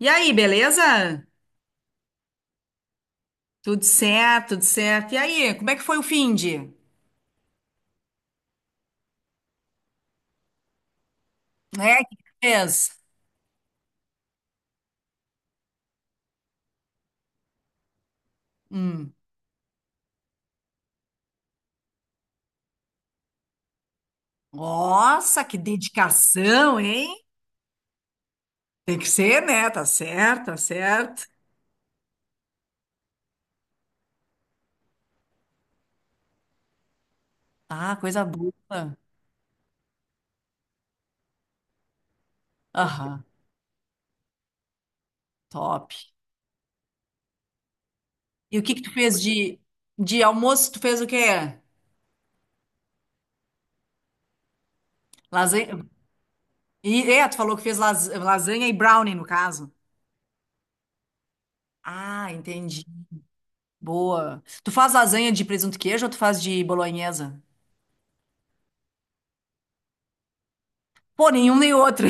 E aí, beleza? Tudo certo, tudo certo. E aí, como é que foi o finde? É, o que que fez? Hum. Nossa, que dedicação, hein? Tem que ser, né? Tá certo, tá certo. Ah, coisa boa. Aham, top. E o que que tu fez de almoço? Tu fez o quê? Lasanha? Tu falou que fez lasanha e brownie, no caso. Ah, entendi. Boa. Tu faz lasanha de presunto e queijo ou tu faz de bolonhesa? Pô, nenhum nem outro.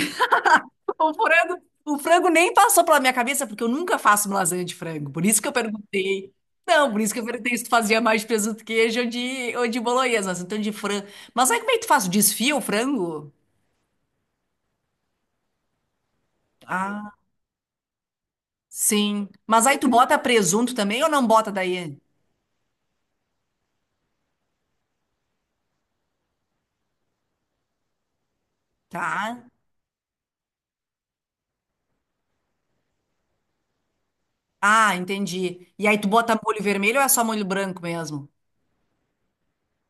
O frango nem passou pela minha cabeça, porque eu nunca faço uma lasanha de frango. Por isso que eu perguntei. Não, por isso que eu perguntei se tu fazia mais de presunto queijo ou de bolonhesa, mas então de frango. Mas aí como é que tu faz? Desfia o frango? Ah, sim. Mas aí tu bota presunto também ou não bota daí? Tá. Ah, entendi. E aí tu bota molho vermelho ou é só molho branco mesmo?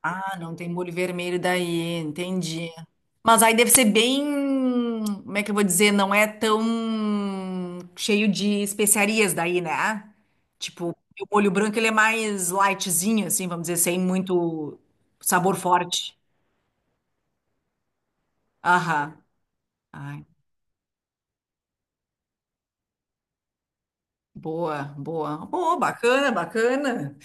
Ah, não tem molho vermelho daí, entendi. Mas aí deve ser bem, como é que eu vou dizer, não é tão cheio de especiarias daí, né? Tipo, o molho branco ele é mais lightzinho, assim, vamos dizer, sem muito sabor forte. Aham. Ai, boa, boa. Boa, bacana, bacana.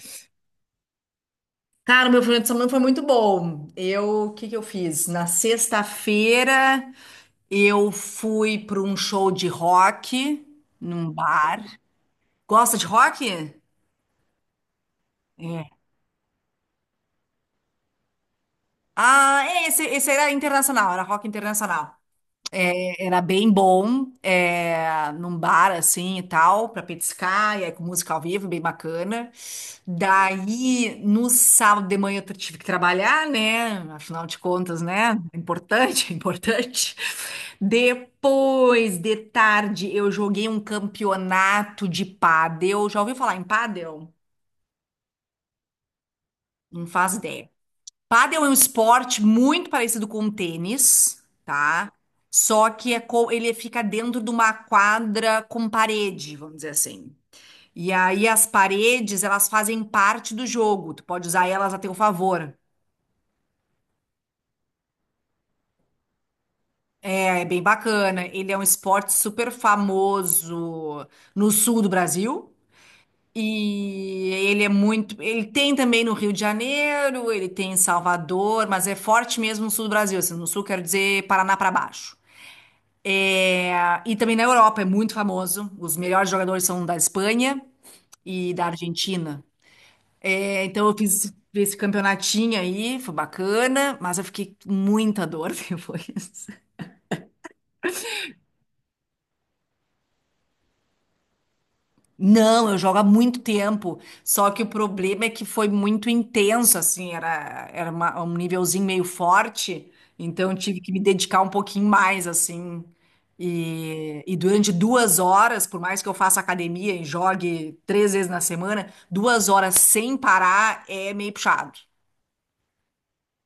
Cara, meu final de semana foi muito bom. O que que eu fiz? Na sexta-feira. Eu fui para um show de rock num bar. Gosta de rock? É. Ah, esse era internacional, era rock internacional. Era bem bom, é, num bar assim e tal, pra petiscar, e aí com música ao vivo, bem bacana. Daí, no sábado de manhã, eu tive que trabalhar, né? Afinal de contas, né? É importante, é importante. Depois de tarde, eu joguei um campeonato de pádel. Já ouviu falar em pádel? Não faz ideia. Pádel é um esporte muito parecido com o tênis, tá? Só que ele fica dentro de uma quadra com parede, vamos dizer assim. E aí as paredes, elas fazem parte do jogo. Tu pode usar elas a teu favor. É bem bacana. Ele é um esporte super famoso no sul do Brasil. E ele é muito. Ele tem também no Rio de Janeiro, ele tem em Salvador, mas é forte mesmo no sul do Brasil. Assim, no sul, quero dizer Paraná para baixo. É, e também na Europa é muito famoso. Os melhores jogadores são da Espanha e da Argentina. É, então eu fiz esse campeonatinho aí, foi bacana, mas eu fiquei com muita dor depois. Não, eu jogo há muito tempo. Só que o problema é que foi muito intenso, assim, era um nívelzinho meio forte, então eu tive que me dedicar um pouquinho mais, assim. E durante 2 horas, por mais que eu faça academia e jogue 3 vezes na semana, 2 horas sem parar é meio puxado,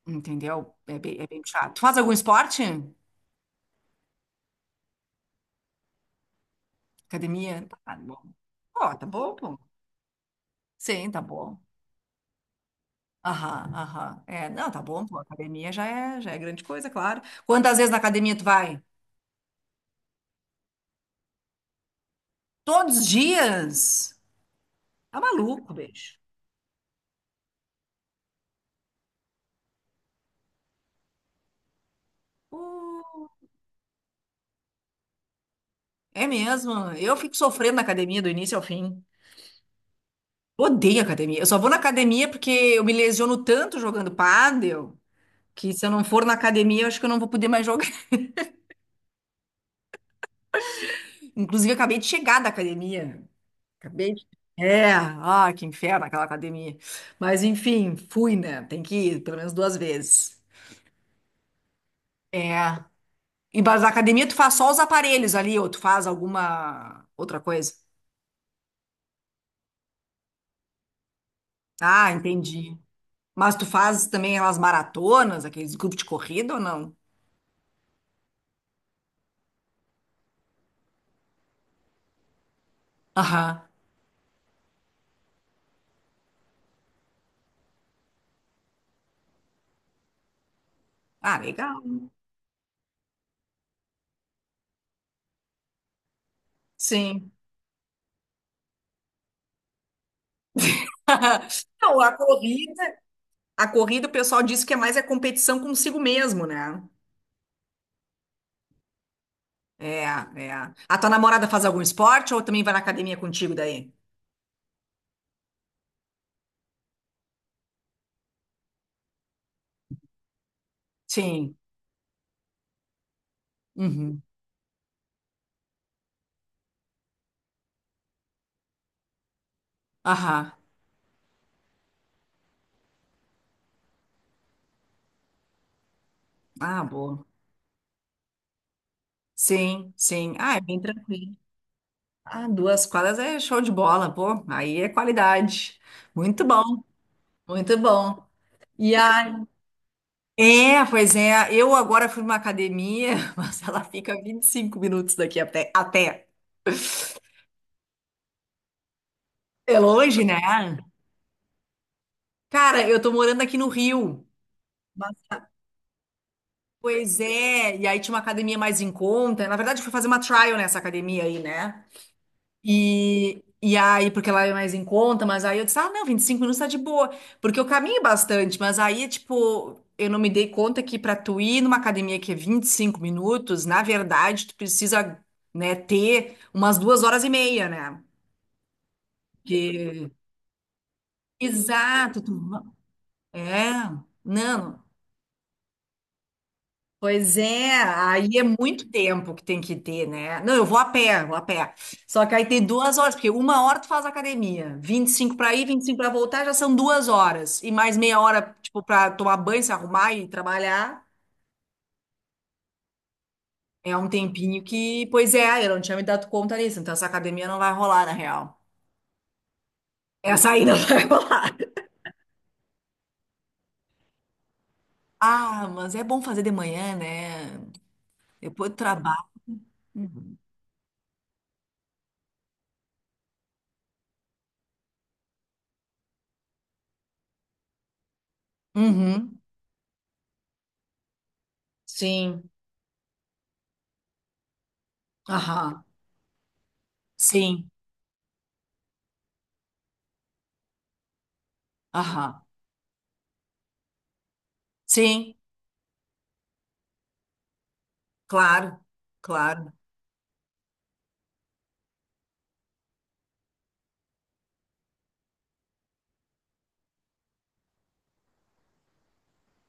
entendeu? É bem puxado. Tu faz algum esporte? Academia? Ah, tá bom. Pô, tá bom, pô. Sim, tá bom. Aham, aham. É, não, tá bom, pô, academia já é grande coisa, claro. Quantas vezes na academia tu vai? Todos os dias? Tá maluco, bicho. Pô, é mesmo, eu fico sofrendo na academia do início ao fim. Odeio academia. Eu só vou na academia porque eu me lesiono tanto jogando pádel que se eu não for na academia, eu acho que eu não vou poder mais jogar. Inclusive, eu acabei de chegar da academia. Acabei de. É, que inferno aquela academia. Mas enfim, fui, né? Tem que ir pelo menos 2 vezes. É. Embaixo da academia, tu faz só os aparelhos ali, ou tu faz alguma outra coisa? Ah, entendi. Mas tu faz também aquelas maratonas, aqueles grupos de corrida ou não? Aham. Ah, legal. Sim. Não, a corrida o pessoal diz que é mais a competição consigo mesmo, né? É, é. A tua namorada faz algum esporte ou também vai na academia contigo daí? Sim. Uhum. Aham. Ah, boa. Sim, sim. Ah, é bem tranquilo. Ah, 2 quadras é show de bola, pô. Aí é qualidade. Muito bom, muito bom. E a. É, pois é. Eu agora fui numa academia, mas ela fica 25 minutos daqui até. É longe, né? Cara, eu tô morando aqui no Rio. Mas- Pois é. E aí tinha uma academia mais em conta. Na verdade, eu fui fazer uma trial nessa academia aí, né? E aí, porque lá é mais em conta, mas aí eu disse, ah, não, 25 minutos tá de boa, porque eu caminho bastante, mas aí, tipo, eu não me dei conta que pra tu ir numa academia que é 25 minutos, na verdade, tu precisa, né, ter umas 2 horas e meia, né? que Exato, é, não, pois é, aí é muito tempo que tem que ter, né? Não, eu vou a pé, vou a pé. Só que aí tem 2 horas, porque 1 hora tu faz academia, 25 para ir, 25 para voltar, já são 2 horas. E mais meia hora, tipo, para tomar banho, se arrumar e trabalhar, é um tempinho que, pois é, eu não tinha me dado conta disso, então essa academia não vai rolar, na real. Essa aí não vai rolar. Ah, mas é bom fazer de manhã, né? Depois do trabalho. Uhum. Sim. Aham. Sim. Aham. Sim. Claro, claro.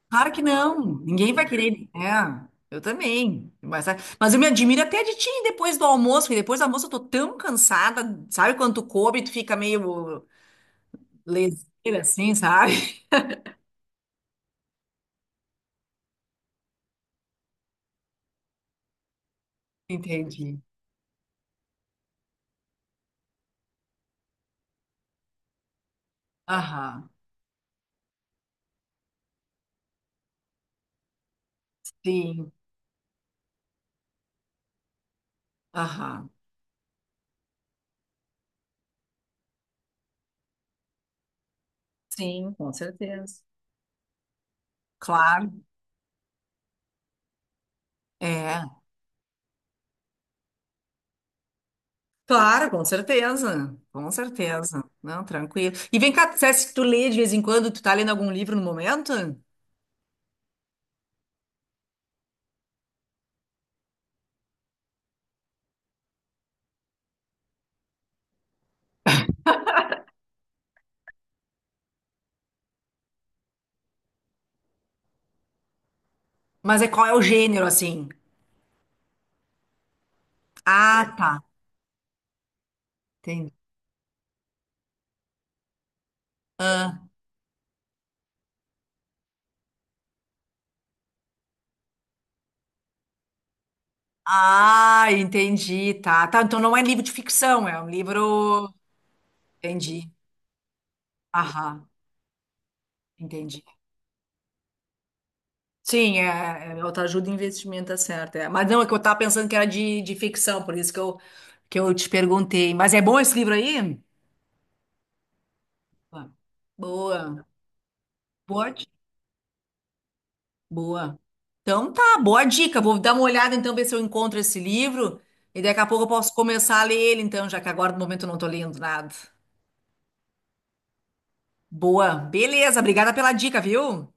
Claro que não. Ninguém vai querer. É, eu também. Mas, sabe, mas eu me admiro até de ti depois do almoço, porque depois do almoço eu tô tão cansada. Sabe quando tu come, tu fica meio leseira assim, sabe? Entendi. Aham. Sim. Aham. Sim, com certeza. Claro, é. Claro, com certeza. Com certeza. Não, tranquilo. E vem cá, tu disseste que tu lê de vez em quando, tu tá lendo algum livro no momento? Mas é qual é o gênero, assim? Ah, tá. Entendi. Ah, ah, entendi. Tá, tá. Então não é livro de ficção, é um livro. Entendi. Aham, entendi. Sim, é autoajuda e investimento, tá certo. É. Mas não, é que eu estava pensando que era de ficção, por isso que eu te perguntei. Mas é bom esse livro aí? Boa. Boa. Boa. Boa. Então tá, boa dica. Vou dar uma olhada então, ver se eu encontro esse livro. E daqui a pouco eu posso começar a ler ele, então, já que agora no momento eu não estou lendo nada. Boa. Beleza, obrigada pela dica, viu?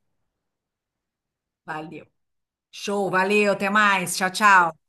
Valeu. Show, valeu, até mais. Tchau, tchau.